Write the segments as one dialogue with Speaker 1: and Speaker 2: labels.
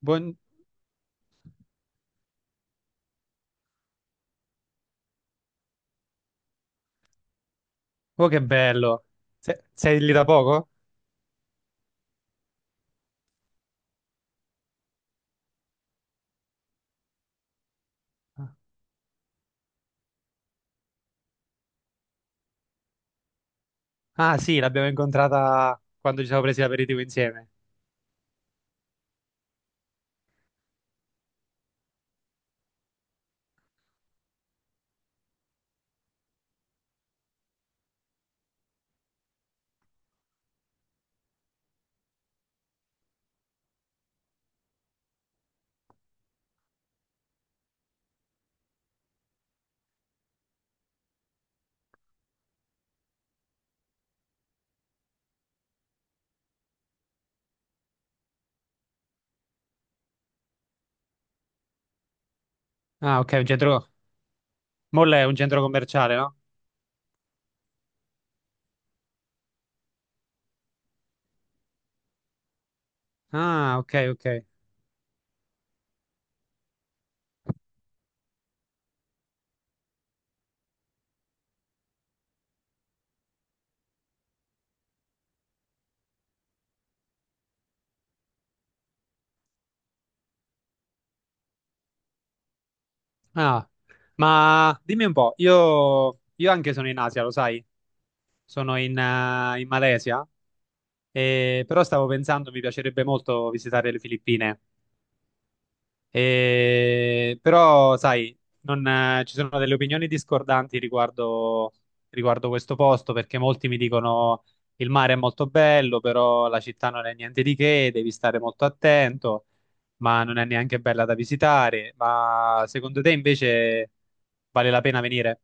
Speaker 1: Buon- Oh, che bello. Se- Sei lì da poco? Ah, sì, l'abbiamo incontrata quando ci siamo presi l'aperitivo insieme. Ah, ok, un centro... Molle è un centro commerciale, no? Ah, ok, ok. Ah, ma dimmi un po', io, anche sono in Asia, lo sai? Sono in, in Malesia, e... però stavo pensando, mi piacerebbe molto visitare le Filippine. E- però, sai, non, ci sono delle opinioni discordanti riguardo, riguardo questo posto, perché molti mi dicono il mare è molto bello, però la città non è niente di che, devi stare molto attento, ma non è neanche bella da visitare. Ma secondo te invece vale la pena venire?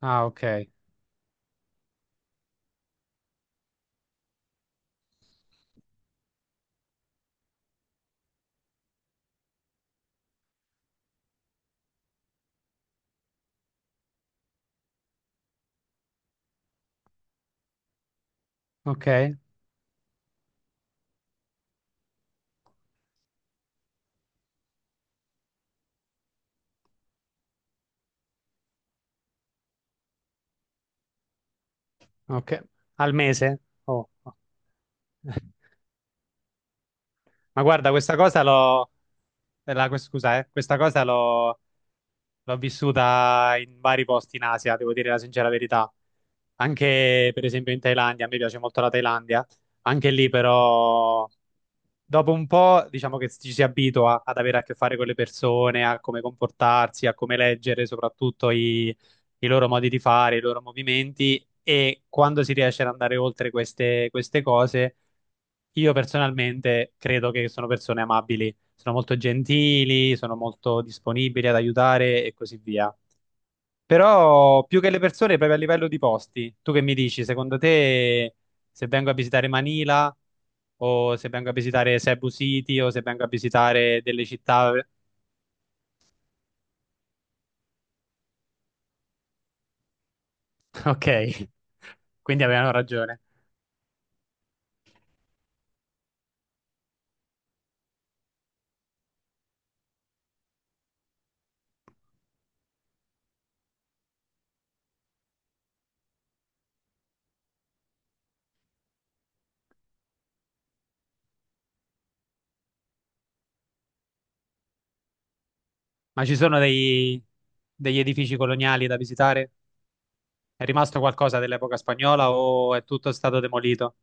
Speaker 1: Ah, ok, ok, ok. Al mese? Oh. Ma guarda, questa cosa l'ho... Scusa, questa cosa l'ho vissuta in vari posti in Asia, devo dire la sincera verità. Anche per esempio in Thailandia, a me piace molto la Thailandia. Anche lì però dopo un po' diciamo che ci si abitua ad avere a che fare con le persone, a come comportarsi, a come leggere soprattutto i, i loro modi di fare, i loro movimenti e quando si riesce ad andare oltre queste cose, io personalmente credo che sono persone amabili, sono molto gentili, sono molto disponibili ad aiutare e così via. Però più che le persone, proprio a livello di posti, tu che mi dici, secondo te se vengo a visitare Manila o se vengo a visitare Cebu City o se vengo a visitare delle città... Ok, quindi avevano ragione. Ma ci sono dei- degli edifici coloniali da visitare? È rimasto qualcosa dell'epoca spagnola o è tutto stato demolito?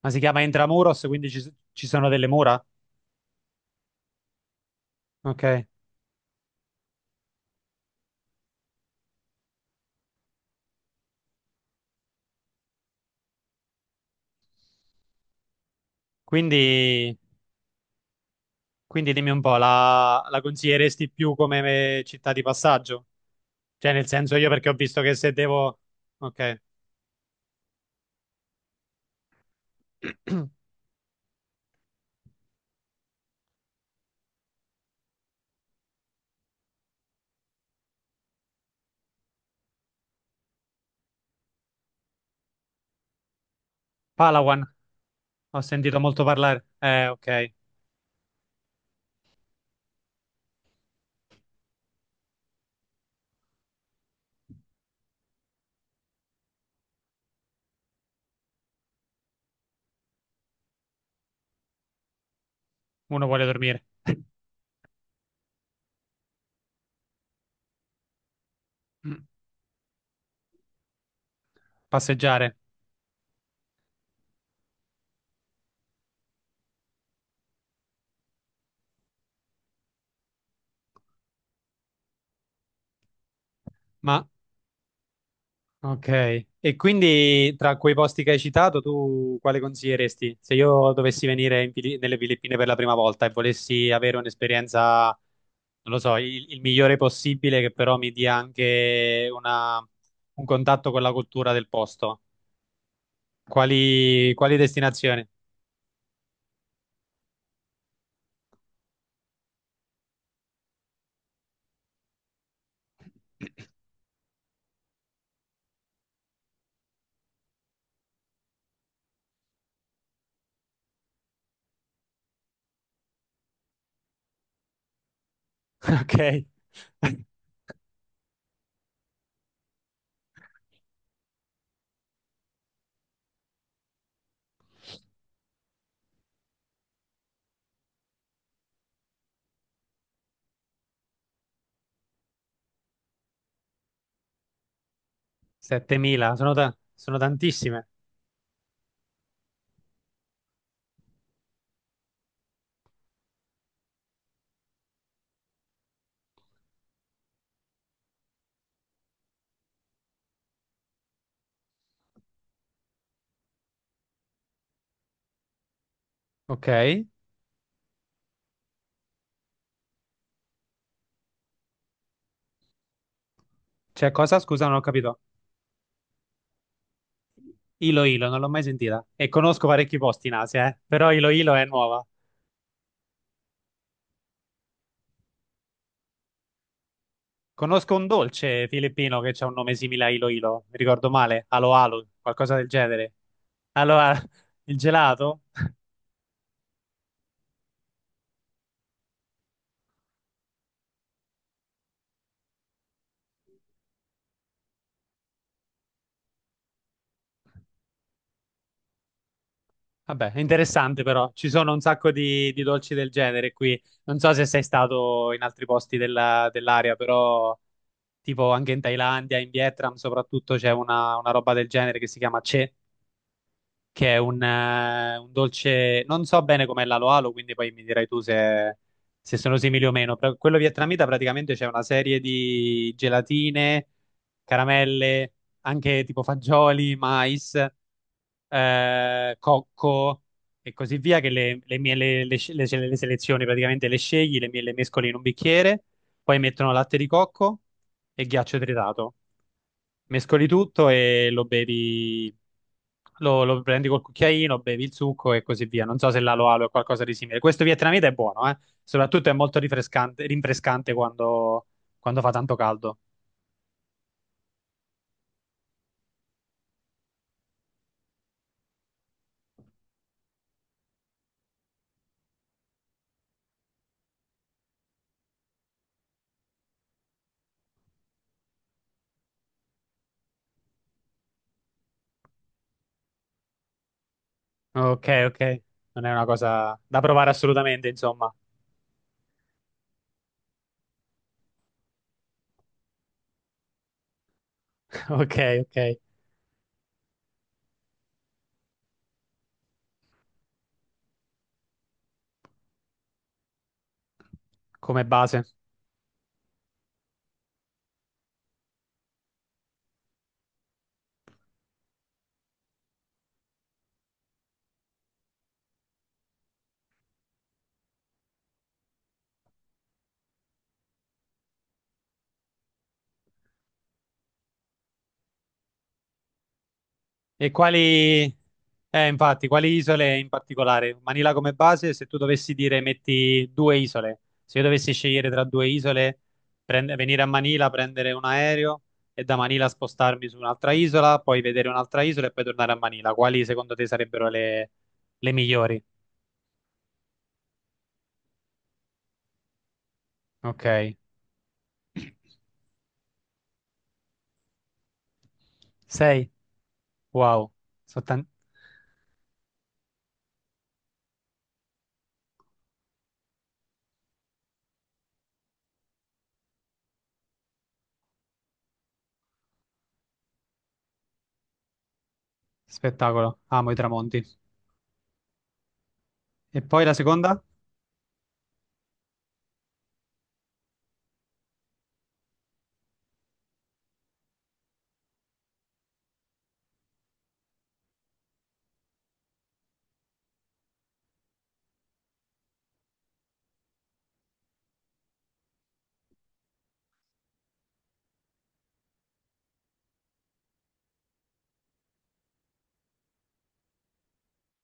Speaker 1: Ma si chiama Intramuros, quindi ci, ci sono delle mura? Ok. Quindi, quindi dimmi un po', la, la consiglieresti più come città di passaggio? Cioè, nel senso io perché ho visto che se devo... Ok. Palawan, ho sentito molto parlare. Ok. Uno vuole dormire, passeggiare, ma ok, e quindi tra quei posti che hai citato, tu quale consiglieresti? Se io dovessi venire in Fili- nelle Filippine per la prima volta e volessi avere un'esperienza, non lo so, il migliore possibile, che però mi dia anche una- un contatto con la cultura del posto, quali, quali destinazioni? Ok. 7.000, sono, ta- sono tantissime. Ok, c'è cosa? Scusa, non ho capito. Ilo Ilo, non l'ho mai sentita. E conosco parecchi posti in Asia, però Ilo Ilo è nuova. Conosco un dolce filippino che ha un nome simile a Ilo Ilo, mi ricordo male, Alo Alo, qualcosa del genere. Allora, il gelato? Vabbè, è interessante però, ci sono un sacco di dolci del genere qui. Non so se sei stato in altri posti della- dell'area, però tipo anche in Thailandia, in Vietnam soprattutto c'è una roba del genere che si chiama Che. Che è un dolce, non so bene com'è l'alo alo, quindi poi mi dirai tu se, se sono simili o meno. Però quello vietnamita praticamente c'è una serie di gelatine, caramelle, anche tipo fagioli, mais, cocco e così via, che le, le selezioni praticamente le scegli, le mescoli in un bicchiere, poi mettono latte di cocco e ghiaccio tritato, mescoli tutto e lo bevi, lo prendi col cucchiaino, bevi il succo e così via. Non so se l'alo alo è qualcosa di simile. Questo vietnamita è buono, eh? Soprattutto è molto rinfrescante, rinfrescante quando, quando fa tanto caldo. Ok, ok. Non è una cosa da provare assolutamente, insomma. Ok, ok. Come base. E quali, infatti, quali isole in particolare? Manila come base, se tu dovessi dire metti due isole, se io dovessi scegliere tra due isole, prend- venire a Manila, prendere un aereo e da Manila spostarmi su un'altra isola, poi vedere un'altra isola e poi tornare a Manila, quali secondo te sarebbero le migliori? Ok, sei? Wow, sono tan- spettacolo, amo i tramonti. E poi la seconda?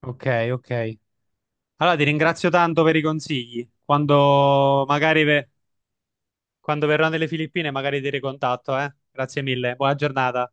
Speaker 1: Ok, ok. Allora, ti ringrazio tanto per i consigli. Quando magari ve- quando verrò nelle Filippine, magari ti ricontatto, eh. Grazie mille. Buona giornata.